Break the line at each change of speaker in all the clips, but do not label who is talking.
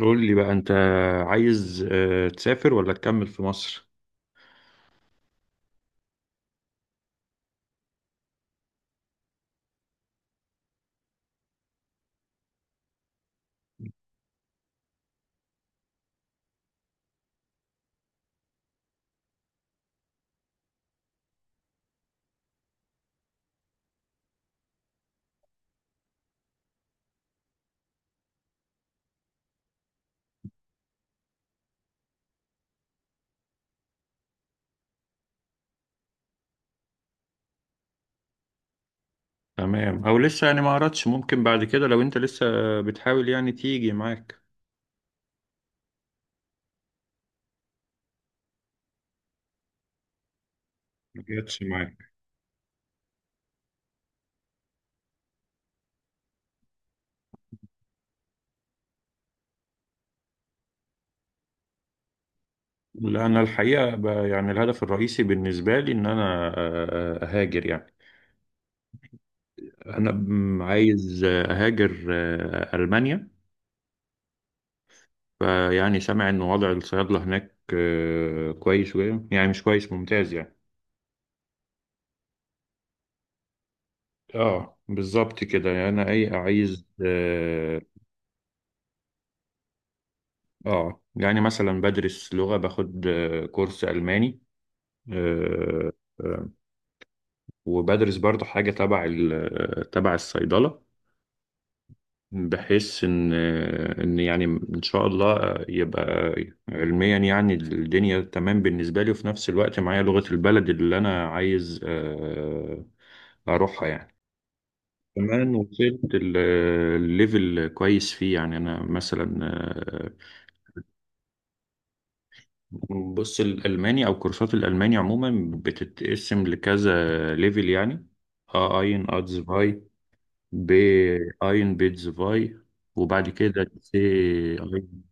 قول لي بقى. انت عايز تسافر ولا تكمل في مصر؟ تمام. او لسه يعني ما قررتش؟ ممكن بعد كده لو انت لسه بتحاول يعني تيجي معاك. ما جاتش معاك؟ لا، انا الحقيقه بقى يعني الهدف الرئيسي بالنسبه لي ان انا اهاجر يعني. انا عايز اهاجر المانيا. فيعني سامع ان وضع الصيادله هناك كويس شويه، يعني مش كويس ممتاز يعني. اه بالظبط كده، انا عايز اه يعني مثلا بدرس لغة، باخد كورس ألماني. آه، آه، وبدرس برضه حاجة تبع الصيدلة. بحيث إن يعني إن شاء الله يبقى علميا يعني الدنيا تمام بالنسبة لي، وفي نفس الوقت معايا لغة البلد اللي أنا عايز أروحها يعني. كمان وصلت الليفل كويس فيه، يعني أنا مثلا بص، الألماني أو كورسات الألماني عموما بتتقسم لكذا ليفل يعني. أ أين، أتزفاي، ب أين، بيتزفاي، وبعد كده سي أين.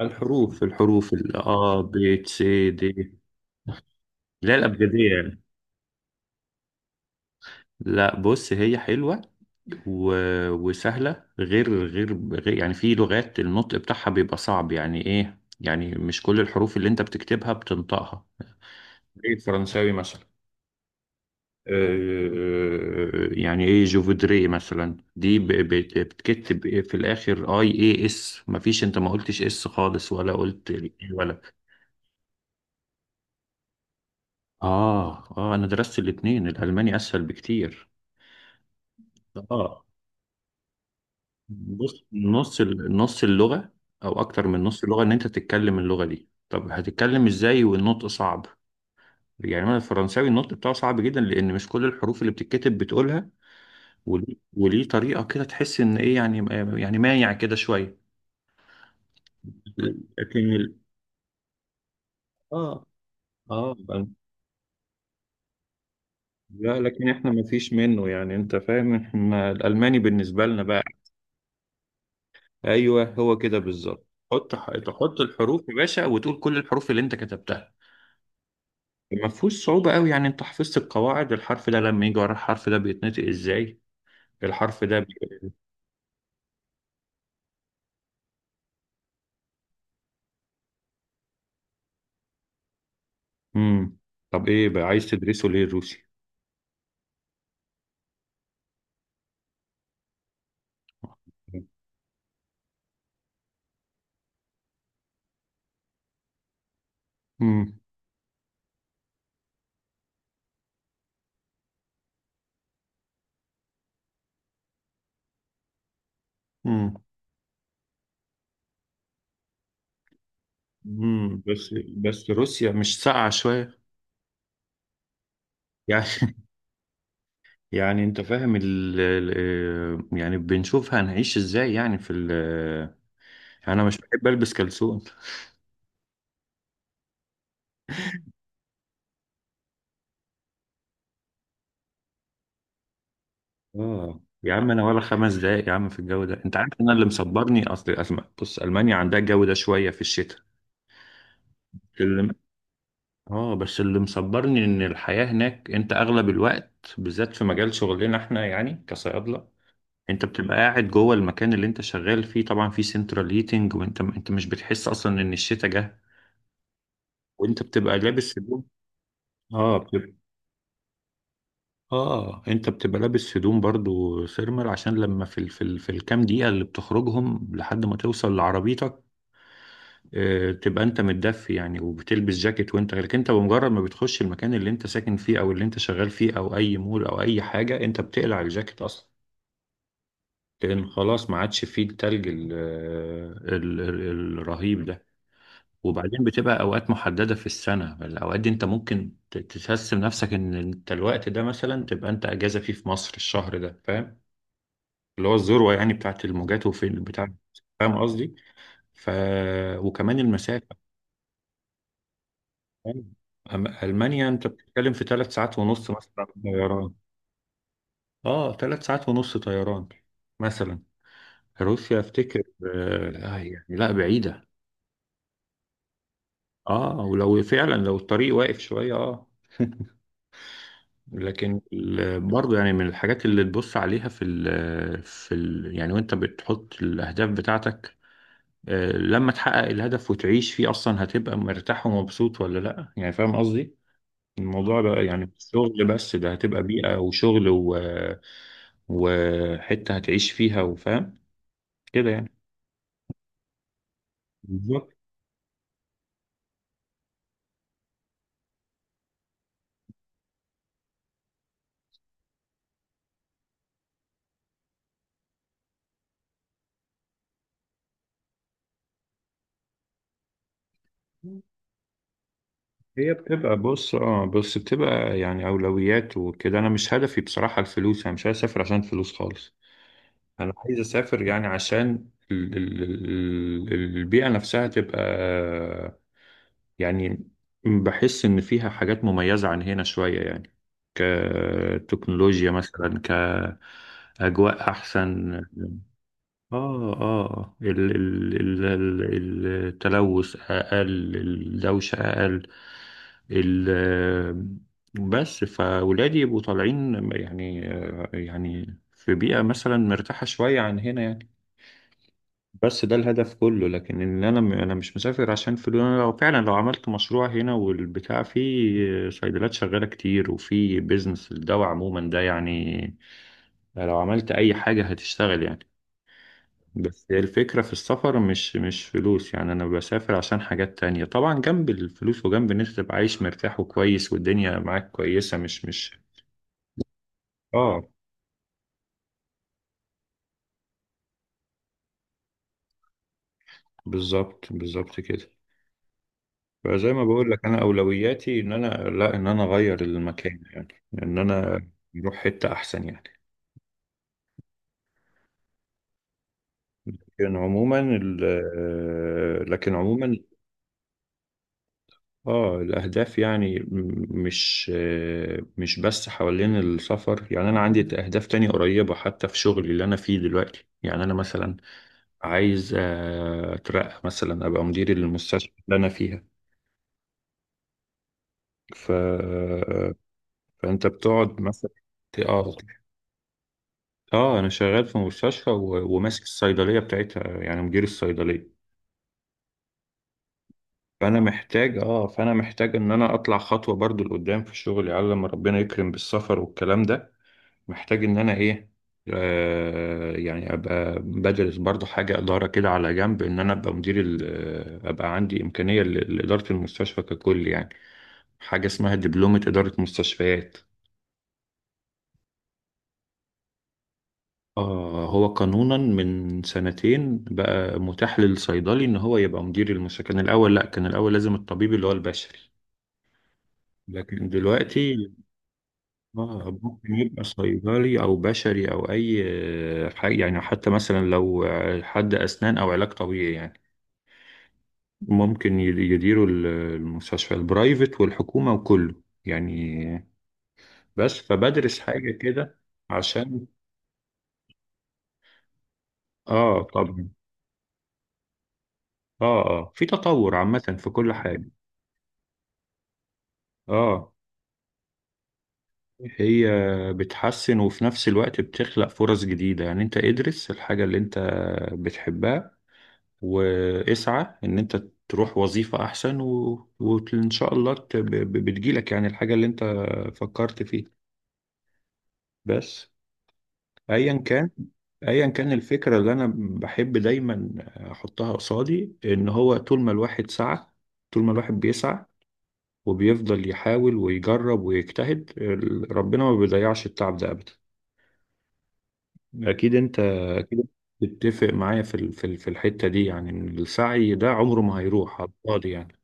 الحروف، ال أ ب س د. لا، الأبجدية يعني. لا، بص هي حلوة و... وسهلة. يعني في لغات النطق بتاعها بيبقى صعب، يعني إيه يعني، مش كل الحروف اللي أنت بتكتبها بتنطقها. زي الفرنساوي مثلا. يعني ايه، جوفودري مثلا دي بتكتب ايه في الاخر؟ اي اي اس. مفيش انت ما قلتش اس خالص ولا قلت ال A ولا. اه، اه، انا درست الاتنين، الالماني اسهل بكتير. اه، بص، نص اللغة او اكتر من نص اللغة ان انت تتكلم اللغة دي، طب هتتكلم ازاي والنطق صعب؟ يعني انا الفرنساوي النطق بتاعه صعب جدا، لان مش كل الحروف اللي بتتكتب بتقولها. وليه طريقة كده تحس ان ايه يعني يعني مايع كده شوية. لكن اه، اه، لا، لكن احنا ما فيش منه، يعني انت فاهم احنا الالماني بالنسبه لنا بقى. ايوه، هو كده بالظبط. تحط الحروف يا باشا وتقول كل الحروف اللي انت كتبتها. ما فيهوش صعوبه قوي، يعني انت حفظت القواعد. الحرف ده لما يجي ورا الحرف ده بيتنطق ازاي. الحرف ده مم. طب ايه بقى عايز تدرسه ليه الروسي؟ امم امم بس روسيا مش ساقعه شويه يعني؟ يعني انت فاهم يعني بنشوف هنعيش ازاي يعني في يعني انا مش بحب البس كلسون. اه يا عم، انا ولا 5 دقايق يا عم في الجو ده. انت عارف انا اللي مصبرني اصل بص، المانيا عندها الجو ده شويه في الشتاء. اللي- اه، بس اللي مصبرني ان الحياه هناك انت اغلب الوقت بالذات في مجال شغلنا احنا، يعني كصيادله. انت بتبقى قاعد جوه المكان اللي انت شغال فيه، طبعا في سنترال هيتنج، وانت مش بتحس اصلا ان الشتاء جه. وانت بتبقى لابس هدوم. اه اه انت بتبقى لابس هدوم برضو ثيرمال، عشان لما في الكام دقيقة اللي بتخرجهم لحد ما توصل لعربيتك. تبقى انت متدفي يعني، وبتلبس جاكيت لكن انت بمجرد ما بتخش المكان اللي انت ساكن فيه او اللي انت شغال فيه او اي مول او اي حاجة، انت بتقلع الجاكيت اصلا. لان خلاص ما عادش فيه التلج الرهيب ده. وبعدين بتبقى اوقات محدده في السنه، الاوقات دي انت ممكن تحس بنفسك ان انت الوقت ده مثلا تبقى انت اجازه فيه في مصر الشهر ده، فاهم؟ اللي هو الذروة يعني بتاعت الموجات وفي بتاع. فاهم قصدي؟ ف وكمان المسافة. فاهم؟ ألمانيا أنت بتتكلم في 3 ساعات ونص مثلا طيران. اه، ثلاث ساعات ونص طيران مثلا. روسيا أفتكر يعني لا بعيدة. اه، ولو فعلا لو الطريق واقف شوية اه. لكن برضه يعني من الحاجات اللي تبص عليها في ال في ال يعني وانت بتحط الاهداف بتاعتك. لما تحقق الهدف وتعيش فيه اصلا هتبقى مرتاح ومبسوط ولا لا يعني، فاهم قصدي؟ الموضوع بقى يعني مش شغل بس، ده هتبقى بيئة وشغل و... وحتة هتعيش فيها، وفاهم كده يعني. بالظبط. هي بتبقى، بص اه بس بتبقى يعني أولويات وكده، أنا مش هدفي بصراحة الفلوس، أنا مش عايز أسافر عشان فلوس خالص. أنا عايز أسافر يعني عشان البيئة نفسها تبقى يعني. بحس إن فيها حاجات مميزة عن هنا شوية، يعني كتكنولوجيا مثلا، كأجواء أحسن. آه آه ال ال ال ال التلوث أقل، الدوشة أقل، ال بس فولادي يبقوا طالعين يعني. يعني في بيئة مثلا مرتاحة شوية عن هنا يعني. بس ده الهدف كله، لكن ان انا مش مسافر عشان فلوس. انا لو فعلا لو عملت مشروع هنا والبتاع، فيه صيدلات شغاله كتير وفي بيزنس الدواء عموما ده يعني، لو عملت اي حاجه هتشتغل يعني. بس هي الفكره في السفر مش فلوس، يعني انا بسافر عشان حاجات تانية طبعا جنب الفلوس، وجنب ان انت تبقى عايش مرتاح وكويس والدنيا معاك كويسه، مش اه، بالظبط بالظبط كده. فزي ما بقول لك انا اولوياتي ان انا، لا، ان انا اغير المكان، يعني ان انا اروح حته احسن يعني. لكن عموما اه الاهداف يعني مش بس حوالين السفر، يعني انا عندي اهداف تانية قريبه حتى في شغلي اللي انا فيه دلوقتي، يعني انا مثلا عايز اترقى مثلا ابقى مدير المستشفى اللي انا فيها. ف... فانت بتقعد مثلا. اه، اه، انا شغال في مستشفى و- وماسك الصيدليه بتاعتها، يعني مدير الصيدليه. فانا محتاج ان انا اطلع خطوه برضو لقدام في شغلي، على لما ربنا يكرم بالسفر والكلام ده. محتاج ان انا ايه، يعني ابقى بدرس برضو حاجه اداره كده على جنب، ان انا ابقى مدير ابقى عندي امكانيه لاداره المستشفى ككل يعني. حاجه اسمها دبلومه اداره مستشفيات. هو قانونا من سنتين بقى متاح للصيدلي ان هو يبقى مدير المستشفى. كان الاول، لا، كان الاول لازم الطبيب اللي هو البشري. لكن دلوقتي ممكن يبقى صيدلي او بشري او اي حاجة يعني. حتى مثلا لو حد اسنان او علاج طبيعي يعني، ممكن يديروا المستشفى البرايفت والحكومة وكله يعني. بس فبدرس حاجة كده عشان. اه، طبعا. اه، اه، في تطور عامة في كل حاجة. اه، هي بتحسن، وفي نفس الوقت بتخلق فرص جديدة. يعني انت ادرس الحاجة اللي انت بتحبها، واسعى ان انت تروح وظيفة احسن، و... وان شاء الله بتجيلك يعني الحاجة اللي انت فكرت فيها. بس ايا كان ايا كان الفكرة اللي انا بحب دايما احطها قصادي، ان هو طول ما الواحد سعى، طول ما الواحد بيسعى وبيفضل يحاول ويجرب ويجتهد، ربنا ما بيضيعش التعب ده ابدا. اكيد، انت اكيد تتفق معايا في الحته دي، يعني ان السعي ده عمره ما هيروح على الفاضي يعني.